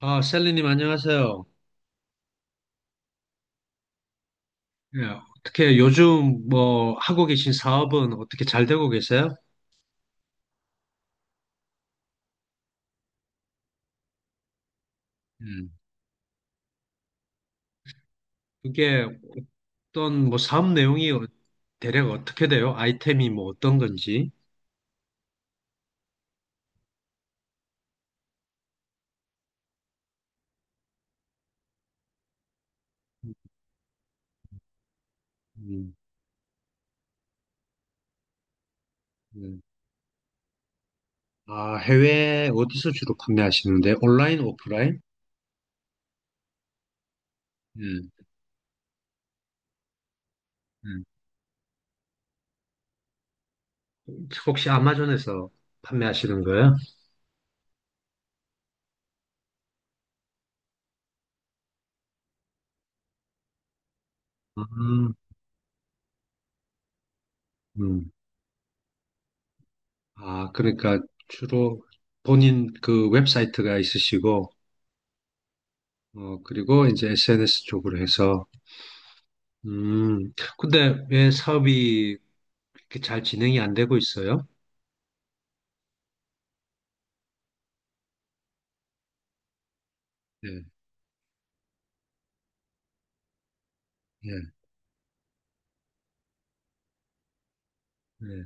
아, 셀리님 안녕하세요. 예, 어떻게 요즘 뭐 하고 계신 사업은 어떻게 잘 되고 계세요? 음. 그게 어떤 뭐 사업 내용이 대략 어떻게 돼요? 아이템이 뭐 어떤 건지. 음, 음. 아, 해외 어디서 주로 판매하시는데? 온라인, 오프라인? 음, 음. 혹시 아마존에서 판매하시는 거예요? 음, 음. 아, 그러니까 주로 본인 그 웹사이트가 있으시고, 어, 그리고 이제 SNS 쪽으로 해서. 근데 왜 사업이 그렇게 잘 진행이 안 되고 있어요? 예, 예, 네.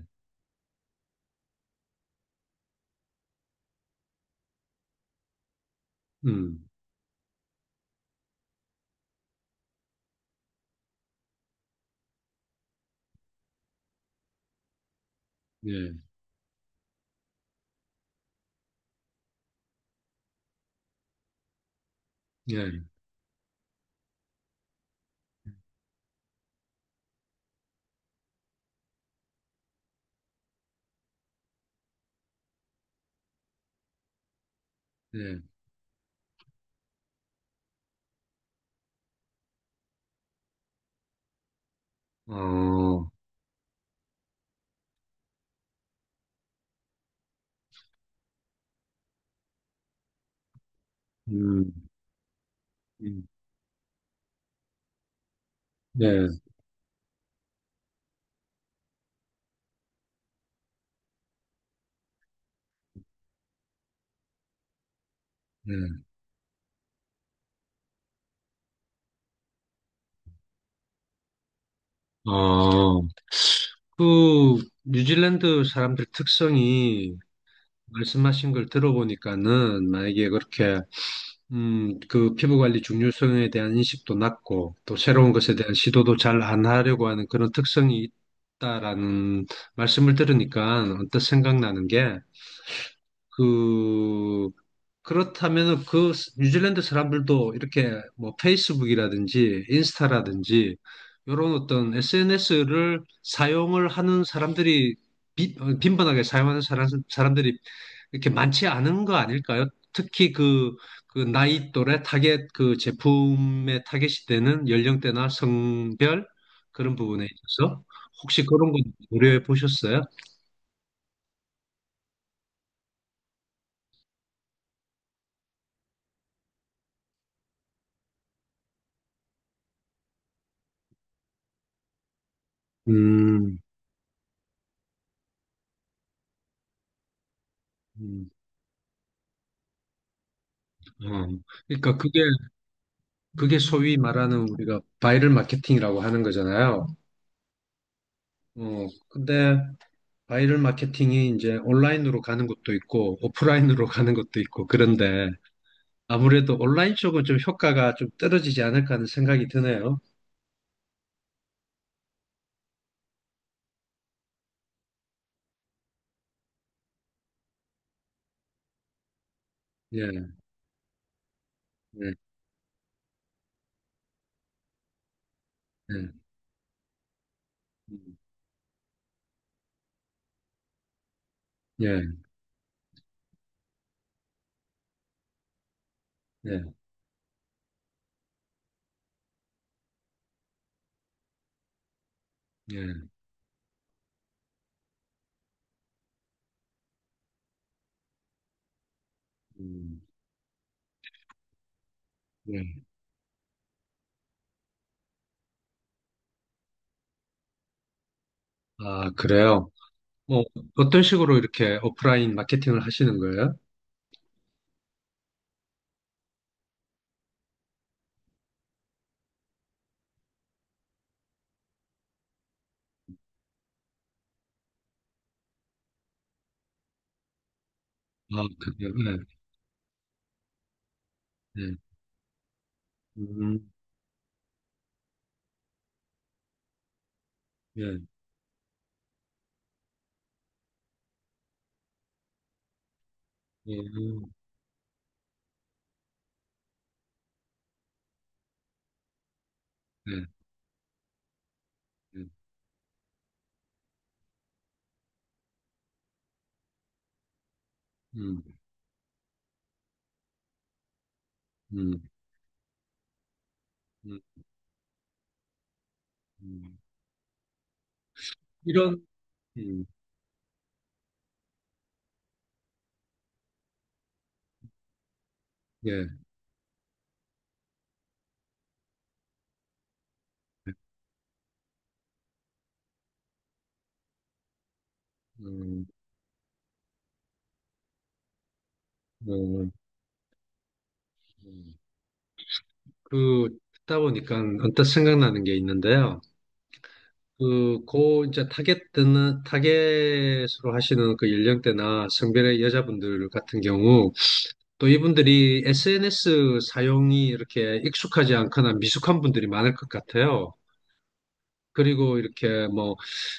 음, 예, 예, 예, 어, 음, 음. 예, 예, 어, 그 뉴질랜드 사람들 특성이 말씀하신 걸 들어보니까는 만약에 그렇게, 그 피부 관리 중요성에 대한 인식도 낮고 또 새로운 것에 대한 시도도 잘 안 하려고 하는 그런 특성이 있다라는 말씀을 들으니까 언뜻 생각나는 게, 그, 그렇다면은 그 뉴질랜드 사람들도 이렇게 뭐 페이스북이라든지 인스타라든지 이런 어떤 SNS를 사용을 하는 사람들이, 빈번하게 사용하는 사람들이 이렇게 많지 않은 거 아닐까요? 특히 그, 그 나이 또래 타겟, 그 제품의 타겟이 되는 연령대나 성별 그런 부분에 있어서 혹시 그런 건 고려해 보셨어요? 음, 음, 어. 그러니까 그게, 소위 말하는 우리가 바이럴 마케팅이라고 하는 거잖아요. 어, 근데 바이럴 마케팅이 이제 온라인으로 가는 것도 있고 오프라인으로 가는 것도 있고, 그런데 아무래도 온라인 쪽은 좀 효과가 좀 떨어지지 않을까 하는 생각이 드네요. 예, 예, 예, 음, 예, 예, 예, 음, 예. 아, 그래요? 어, 어떤 식으로 이렇게 오프라인 마케팅을 하시는 거예요? 아, 그래요? 예, 예, 음, 예, 예, 예, 예, 음, 음, 음, 음. 이런, 음, 예, 음, 어, 그, 듣다 보니까 언뜻 생각나는 게 있는데요. 이제 타겟으로 하시는 그 연령대나 성별의 여자분들 같은 경우, 또 이분들이 SNS 사용이 이렇게 익숙하지 않거나 미숙한 분들이 많을 것 같아요. 그리고 이렇게 뭐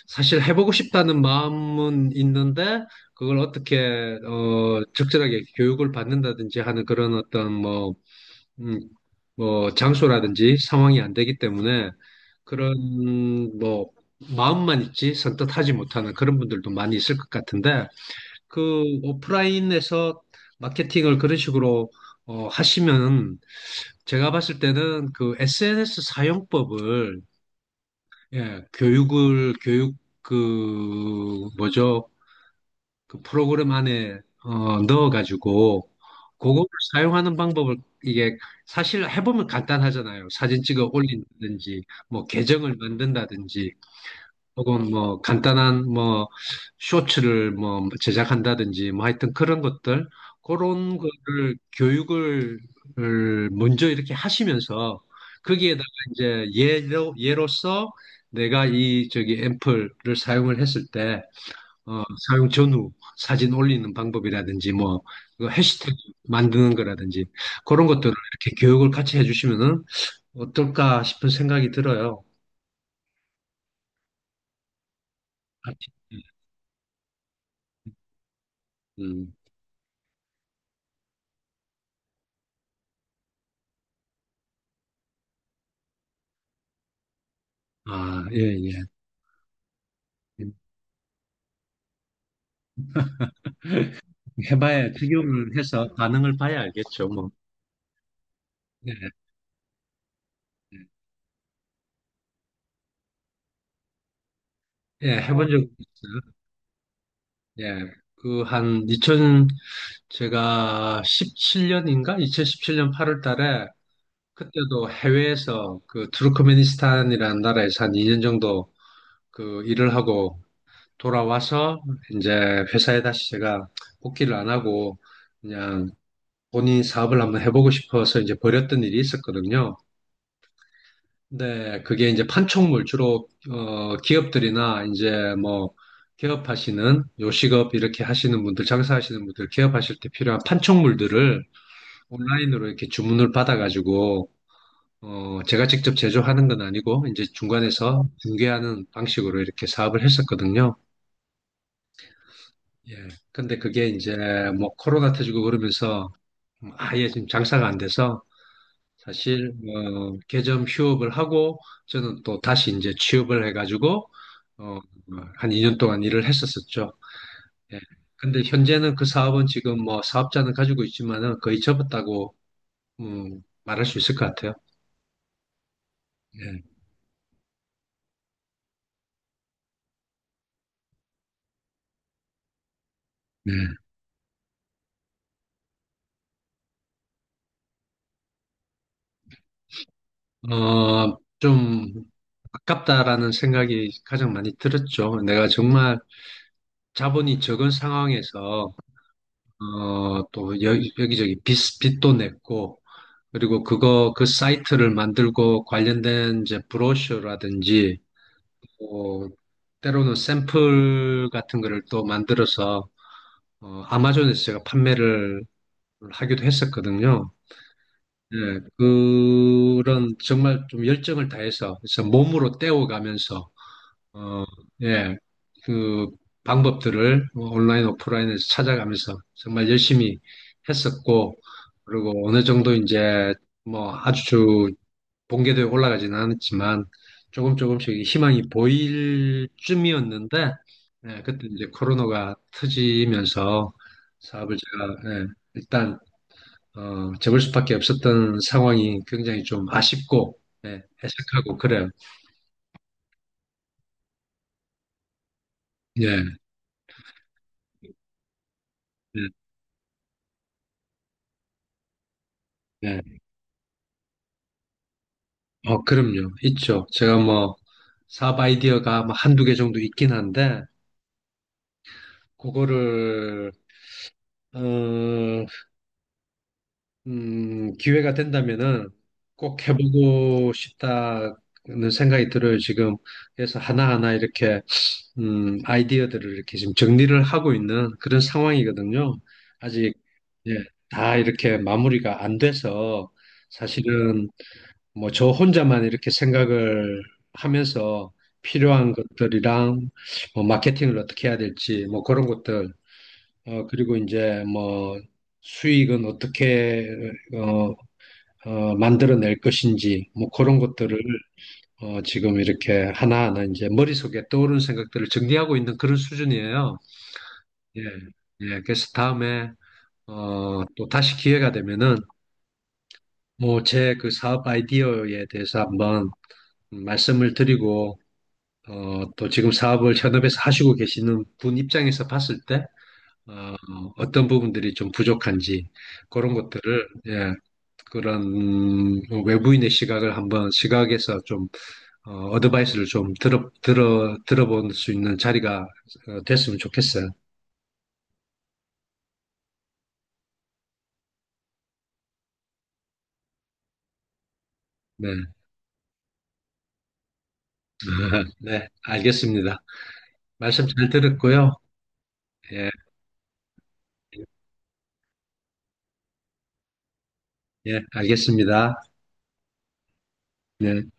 사실 해보고 싶다는 마음은 있는데 그걸 어떻게 어 적절하게 교육을 받는다든지 하는 그런 어떤 뭐, 음, 뭐 장소라든지 상황이 안 되기 때문에 그런 뭐 마음만 있지 선뜻 하지 못하는 그런 분들도 많이 있을 것 같은데, 그 오프라인에서 마케팅을 그런 식으로 어, 하시면은, 제가 봤을 때는 그 SNS 사용법을, 예, 교육, 그 뭐죠? 그 프로그램 안에 어, 넣어가지고 그거를 사용하는 방법을, 이게 사실 해보면 간단하잖아요. 사진 찍어 올린다든지, 뭐 계정을 만든다든지, 혹은 뭐 간단한 뭐 쇼츠를 뭐 제작한다든지, 뭐 하여튼 그런 것들, 그런 거를 교육을 먼저 이렇게 하시면서, 거기에다가 이제 예로서 내가 이 저기 앰플을 사용을 했을 때, 어, 사용 전후 사진 올리는 방법이라든지 뭐그 해시태그 만드는 거라든지, 그런 것들을 이렇게 교육을 같이 해주시면은 어떨까 싶은 생각이 들어요. 음. 아, 예, 예. 해봐야, 적용을 해서 반응을 봐야 알겠죠, 뭐. 예, 예, 예, 해본 적이 있어요. 예, 그, 한, 2000, 제가 17년인가? 2017년 8월 달에, 그때도 해외에서 그, 투르크메니스탄이라는 나라에서 한 2년 정도 그 일을 하고 돌아와서, 이제 회사에 다시 제가 복귀를 안 하고, 그냥 본인 사업을 한번 해보고 싶어서 이제 버렸던 일이 있었거든요. 네, 그게 이제 판촉물, 주로, 어, 기업들이나 이제 뭐, 개업하시는, 요식업 이렇게 하시는 분들, 장사하시는 분들, 개업하실 때 필요한 판촉물들을 온라인으로 이렇게 주문을 받아가지고, 어, 제가 직접 제조하는 건 아니고, 이제 중간에서 중개하는 방식으로 이렇게 사업을 했었거든요. 예. 근데 그게 이제 뭐, 코로나 터지고 그러면서 아예 지금 장사가 안 돼서, 사실 어, 개점 휴업을 하고 저는 또 다시 이제 취업을 해가지고, 어, 한 2년 동안 일을 했었었죠. 예. 근데 현재는 그 사업은 지금 뭐 사업자는 가지고 있지만은 거의 접었다고, 말할 수 있을 것 같아요. 예. 네. 어, 좀 아깝다라는 생각이 가장 많이 들었죠. 내가 정말 자본이 적은 상황에서 어, 또 여기저기 빚도 냈고, 그리고 그 사이트를 만들고 관련된 이제 브로셔라든지, 뭐, 때로는 샘플 같은 거를 또 만들어서, 어, 아마존에서 제가 판매를 하기도 했었거든요. 예, 그런 정말 좀 열정을 다해서, 그래서 몸으로 떼어가면서 어, 예, 그 방법들을 온라인, 오프라인에서 찾아가면서 정말 열심히 했었고, 그리고 어느 정도 이제 뭐 아주 본궤도에 올라가지는 않았지만 조금 조금씩 희망이 보일 쯤이었는데, 예, 그때 이제 코로나가 터지면서 사업을 제가, 예, 일단 어, 접을 수밖에 없었던 상황이 굉장히 좀 아쉽고, 예, 석하고 그래요. 예, 예, 예. 어, 그럼요. 있죠. 제가 뭐, 사업 아이디어가 뭐 한두 개 정도 있긴 한데, 그거를, 어, 기회가 된다면은 꼭 해보고 싶다는 생각이 들어요. 지금. 그래서 하나하나 이렇게, 아이디어들을 이렇게 지금 정리를 하고 있는 그런 상황이거든요. 아직, 예, 다 이렇게 마무리가 안 돼서 사실은 뭐 저 혼자만 이렇게 생각을 하면서 필요한 것들이랑 뭐 마케팅을 어떻게 해야 될지 뭐 그런 것들, 어 그리고 이제 뭐 수익은 어떻게, 어, 어, 만들어낼 것인지 뭐 그런 것들을, 어, 지금 이렇게 하나하나 이제 머릿속에 떠오르는 생각들을 정리하고 있는 그런 수준이에요. 예, 예. 그래서 다음에 어, 또 다시 기회가 되면은 뭐 제 그 사업 아이디어에 대해서 한번 말씀을 드리고, 어, 또 지금 사업을 현업에서 하시고 계시는 분 입장에서 봤을 때 어, 떤 부분들이 좀 부족한지 그런 것들을, 예, 그런 외부인의 시각을 한번 시각에서 좀 어, 어드바이스를 좀 들어볼 수 있는 자리가 어, 됐으면 좋겠어요. 네, 네, 알겠습니다. 말씀 잘 들었고요. 예, 예, 알겠습니다. 네.